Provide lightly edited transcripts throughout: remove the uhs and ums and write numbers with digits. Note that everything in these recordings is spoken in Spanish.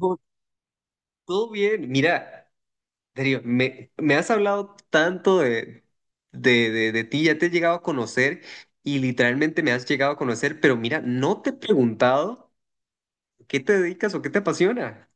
Oh, todo bien. Mira, Darío, me has hablado tanto de ti, ya te he llegado a conocer y literalmente me has llegado a conocer, pero mira, no te he preguntado qué te dedicas o qué te apasiona.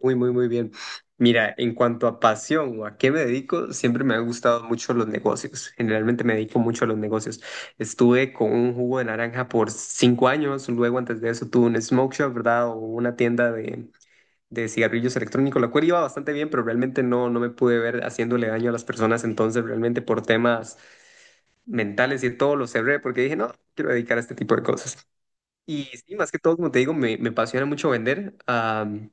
Muy, muy, muy bien. Mira, en cuanto a pasión o a qué me dedico, siempre me han gustado mucho los negocios. Generalmente me dedico mucho a los negocios. Estuve con un jugo de naranja por 5 años, luego antes de eso tuve un smoke shop, ¿verdad? O una tienda de cigarrillos electrónicos, la cual iba bastante bien, pero realmente no, no me pude ver haciéndole daño a las personas, entonces realmente por temas mentales y todo lo cerré porque dije, no, quiero dedicar a este tipo de cosas. Y sí, más que todo, como te digo, me apasiona mucho vender.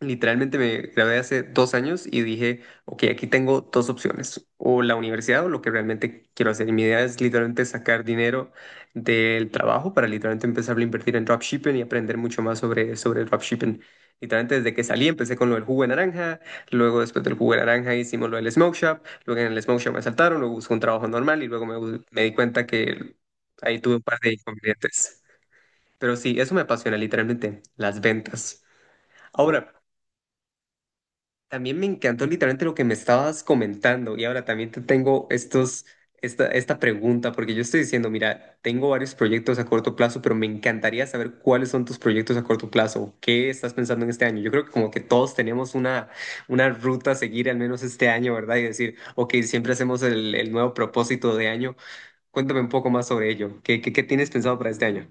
Literalmente me grabé hace 2 años y dije, ok, aquí tengo dos opciones, o la universidad o lo que realmente quiero hacer. Y mi idea es literalmente sacar dinero del trabajo para literalmente empezar a invertir en dropshipping y aprender mucho más sobre el dropshipping. Literalmente desde que salí empecé con lo del jugo de naranja, luego después del jugo de naranja hicimos lo del smoke shop, luego en el smoke shop me asaltaron, luego busqué un trabajo normal y luego me di cuenta que ahí tuve un par de inconvenientes. Pero sí, eso me apasiona literalmente, las ventas. Ahora, también me encantó literalmente lo que me estabas comentando y ahora también te tengo esta pregunta porque yo estoy diciendo, mira, tengo varios proyectos a corto plazo, pero me encantaría saber cuáles son tus proyectos a corto plazo, qué estás pensando en este año. Yo creo que como que todos tenemos una ruta a seguir al menos este año, ¿verdad? Y decir, ok, siempre hacemos el nuevo propósito de año. Cuéntame un poco más sobre ello. ¿Qué tienes pensado para este año?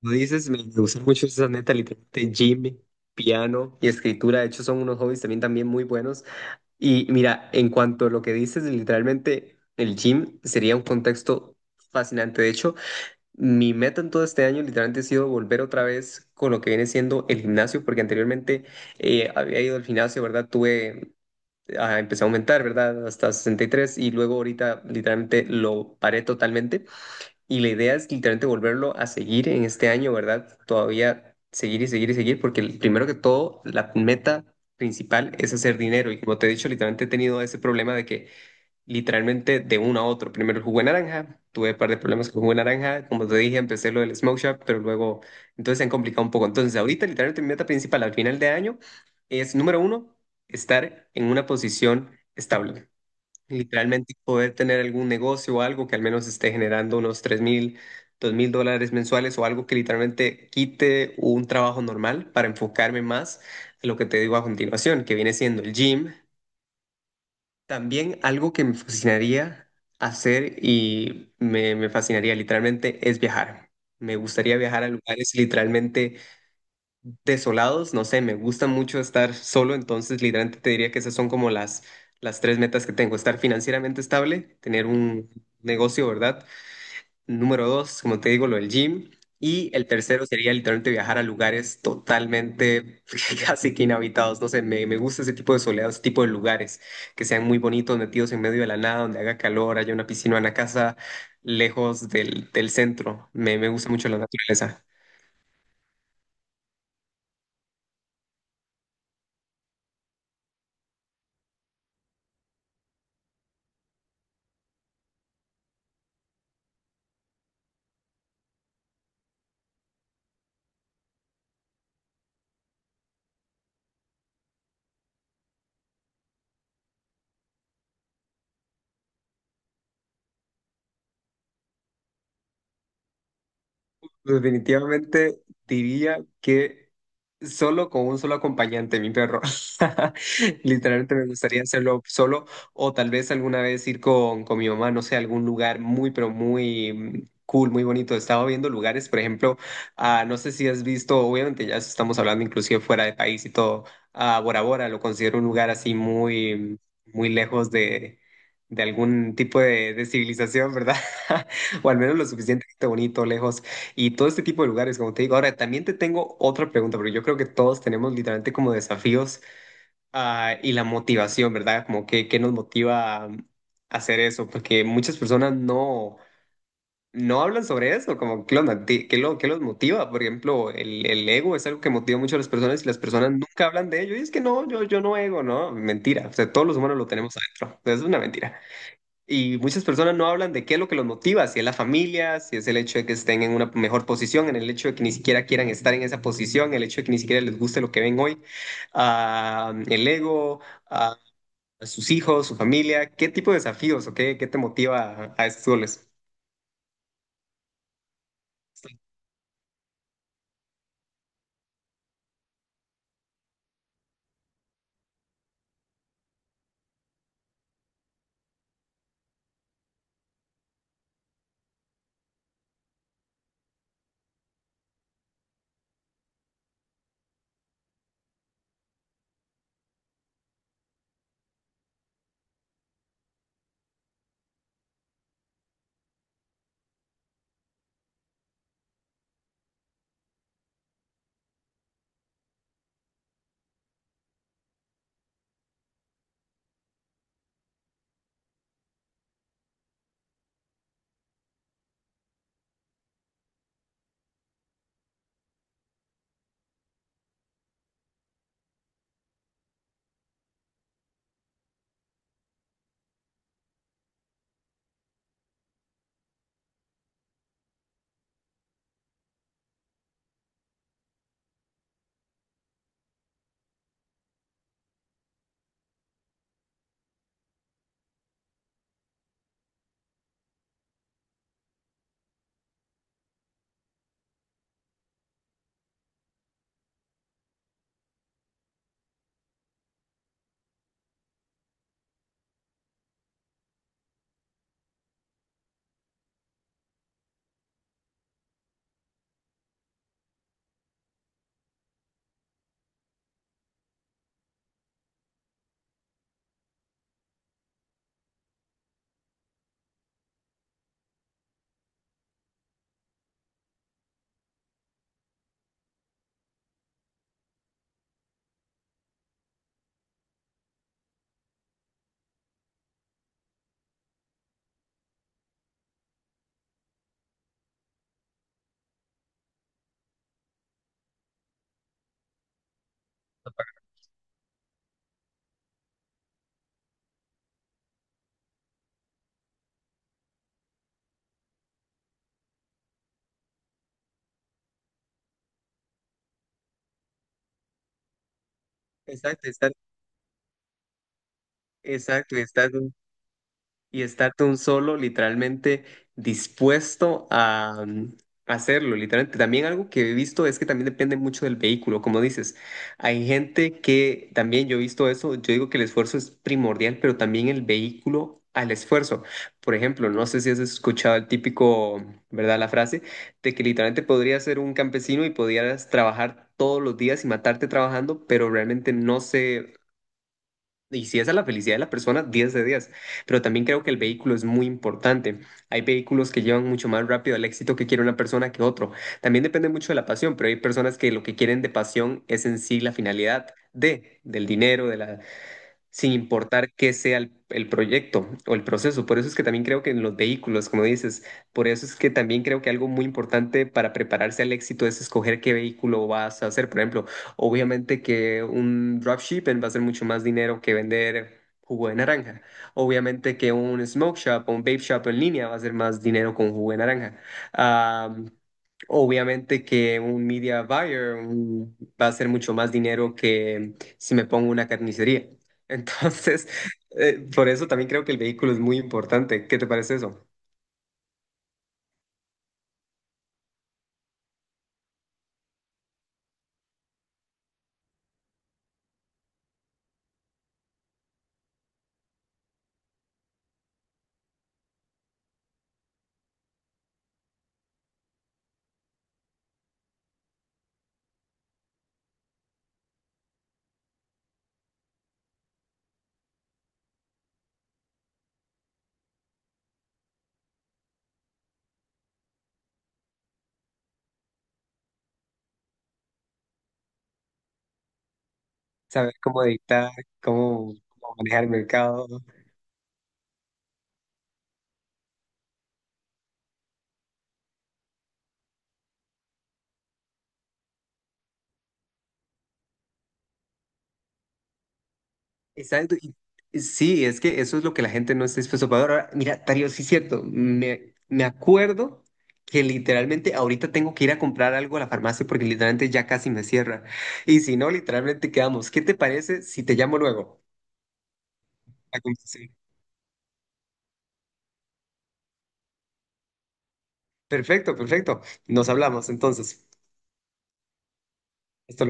Lo dices, me gustan mucho esas metas, literalmente, gym, piano y escritura. De hecho, son unos hobbies también, también muy buenos. Y mira, en cuanto a lo que dices, literalmente el gym sería un contexto fascinante. De hecho, mi meta en todo este año literalmente ha sido volver otra vez con lo que viene siendo el gimnasio, porque anteriormente había ido al gimnasio, ¿verdad? Empecé a aumentar, ¿verdad? Hasta 63 y luego ahorita literalmente lo paré totalmente. Y la idea es literalmente volverlo a seguir en este año, ¿verdad? Todavía seguir y seguir y seguir, porque primero que todo, la meta principal es hacer dinero. Y como te he dicho, literalmente he tenido ese problema de que literalmente de uno a otro. Primero el jugo de naranja, tuve un par de problemas con el jugo de naranja. Como te dije, empecé lo del smoke shop, pero luego, entonces se han complicado un poco. Entonces, ahorita literalmente mi meta principal al final de año es, número uno, estar en una posición estable. Literalmente poder tener algún negocio o algo que al menos esté generando unos 3000, $2000 mensuales o algo que literalmente quite un trabajo normal para enfocarme más en lo que te digo a continuación, que viene siendo el gym. También algo que me fascinaría hacer y me fascinaría literalmente es viajar. Me gustaría viajar a lugares literalmente desolados, no sé, me gusta mucho estar solo, entonces literalmente te diría que esas son como las tres metas que tengo, estar financieramente estable, tener un negocio, ¿verdad? Número dos, como te digo, lo del gym. Y el tercero sería literalmente viajar a lugares totalmente casi que inhabitados. No sé, me gusta ese tipo de soledad, ese tipo de lugares que sean muy bonitos, metidos en medio de la nada, donde haga calor, haya una piscina, una casa lejos del centro. Me gusta mucho la naturaleza. Definitivamente diría que solo con un solo acompañante, mi perro. Literalmente me gustaría hacerlo solo o tal vez alguna vez ir con mi mamá, no sé, a algún lugar muy, pero muy cool, muy bonito. Estaba viendo lugares, por ejemplo, no sé si has visto, obviamente ya estamos hablando inclusive fuera de país y todo, a Bora Bora lo considero un lugar así muy, muy lejos de algún tipo de civilización, ¿verdad? O al menos lo suficientemente bonito, lejos y todo este tipo de lugares, como te digo. Ahora, también te tengo otra pregunta, porque yo creo que todos tenemos literalmente como desafíos, y la motivación, ¿verdad? Como que, qué nos motiva a hacer eso, porque muchas personas no, no hablan sobre eso. Como qué onda? ¿Qué los motiva? Por ejemplo, el ego es algo que motiva mucho a las personas y las personas nunca hablan de ello. Y es que no, yo no ego, ¿no? Mentira. O sea, todos los humanos lo tenemos adentro. O sea, es una mentira. Y muchas personas no hablan de qué es lo que los motiva, si es la familia, si es el hecho de que estén en una mejor posición, en el hecho de que ni siquiera quieran estar en esa posición, el hecho de que ni siquiera les guste lo que ven hoy, el ego, a sus hijos, su familia, qué tipo de desafíos o qué te motiva a estos goles. Exacto, exacto, exacto, y estar tú un solo, literalmente dispuesto a hacerlo, literalmente. También algo que he visto es que también depende mucho del vehículo, como dices. Hay gente que también yo he visto eso, yo digo que el esfuerzo es primordial, pero también el vehículo al esfuerzo. Por ejemplo, no sé si has escuchado el típico, ¿verdad? La frase de que literalmente podrías ser un campesino y podrías trabajar todos los días y matarte trabajando, pero realmente no se y si esa es la felicidad de la persona, 10 de 10. Pero también creo que el vehículo es muy importante. Hay vehículos que llevan mucho más rápido al éxito que quiere una persona que otro. También depende mucho de la pasión, pero hay personas que lo que quieren de pasión es en sí la finalidad de, del dinero, sin importar qué sea el proyecto o el proceso. Por eso es que también creo que en los vehículos, como dices, por eso es que también creo que algo muy importante para prepararse al éxito es escoger qué vehículo vas a hacer. Por ejemplo, obviamente que un dropshipping va a ser mucho más dinero que vender jugo de naranja. Obviamente que un smoke shop o un vape shop en línea va a ser más dinero con jugo de naranja. Ah, Obviamente que un media buyer va a ser mucho más dinero que si me pongo una carnicería. Entonces, por eso también creo que el vehículo es muy importante. ¿Qué te parece eso? Saber cómo dictar, cómo manejar el mercado. Exacto. Sí, es que eso es lo que la gente no está dispuesta a pagar. Ahora, mira, Tario, sí es cierto. Me acuerdo que literalmente ahorita tengo que ir a comprar algo a la farmacia porque literalmente ya casi me cierra. Y si no, literalmente quedamos. ¿Qué te parece si te llamo luego? A conversar. Perfecto, perfecto. Nos hablamos entonces. Hasta luego.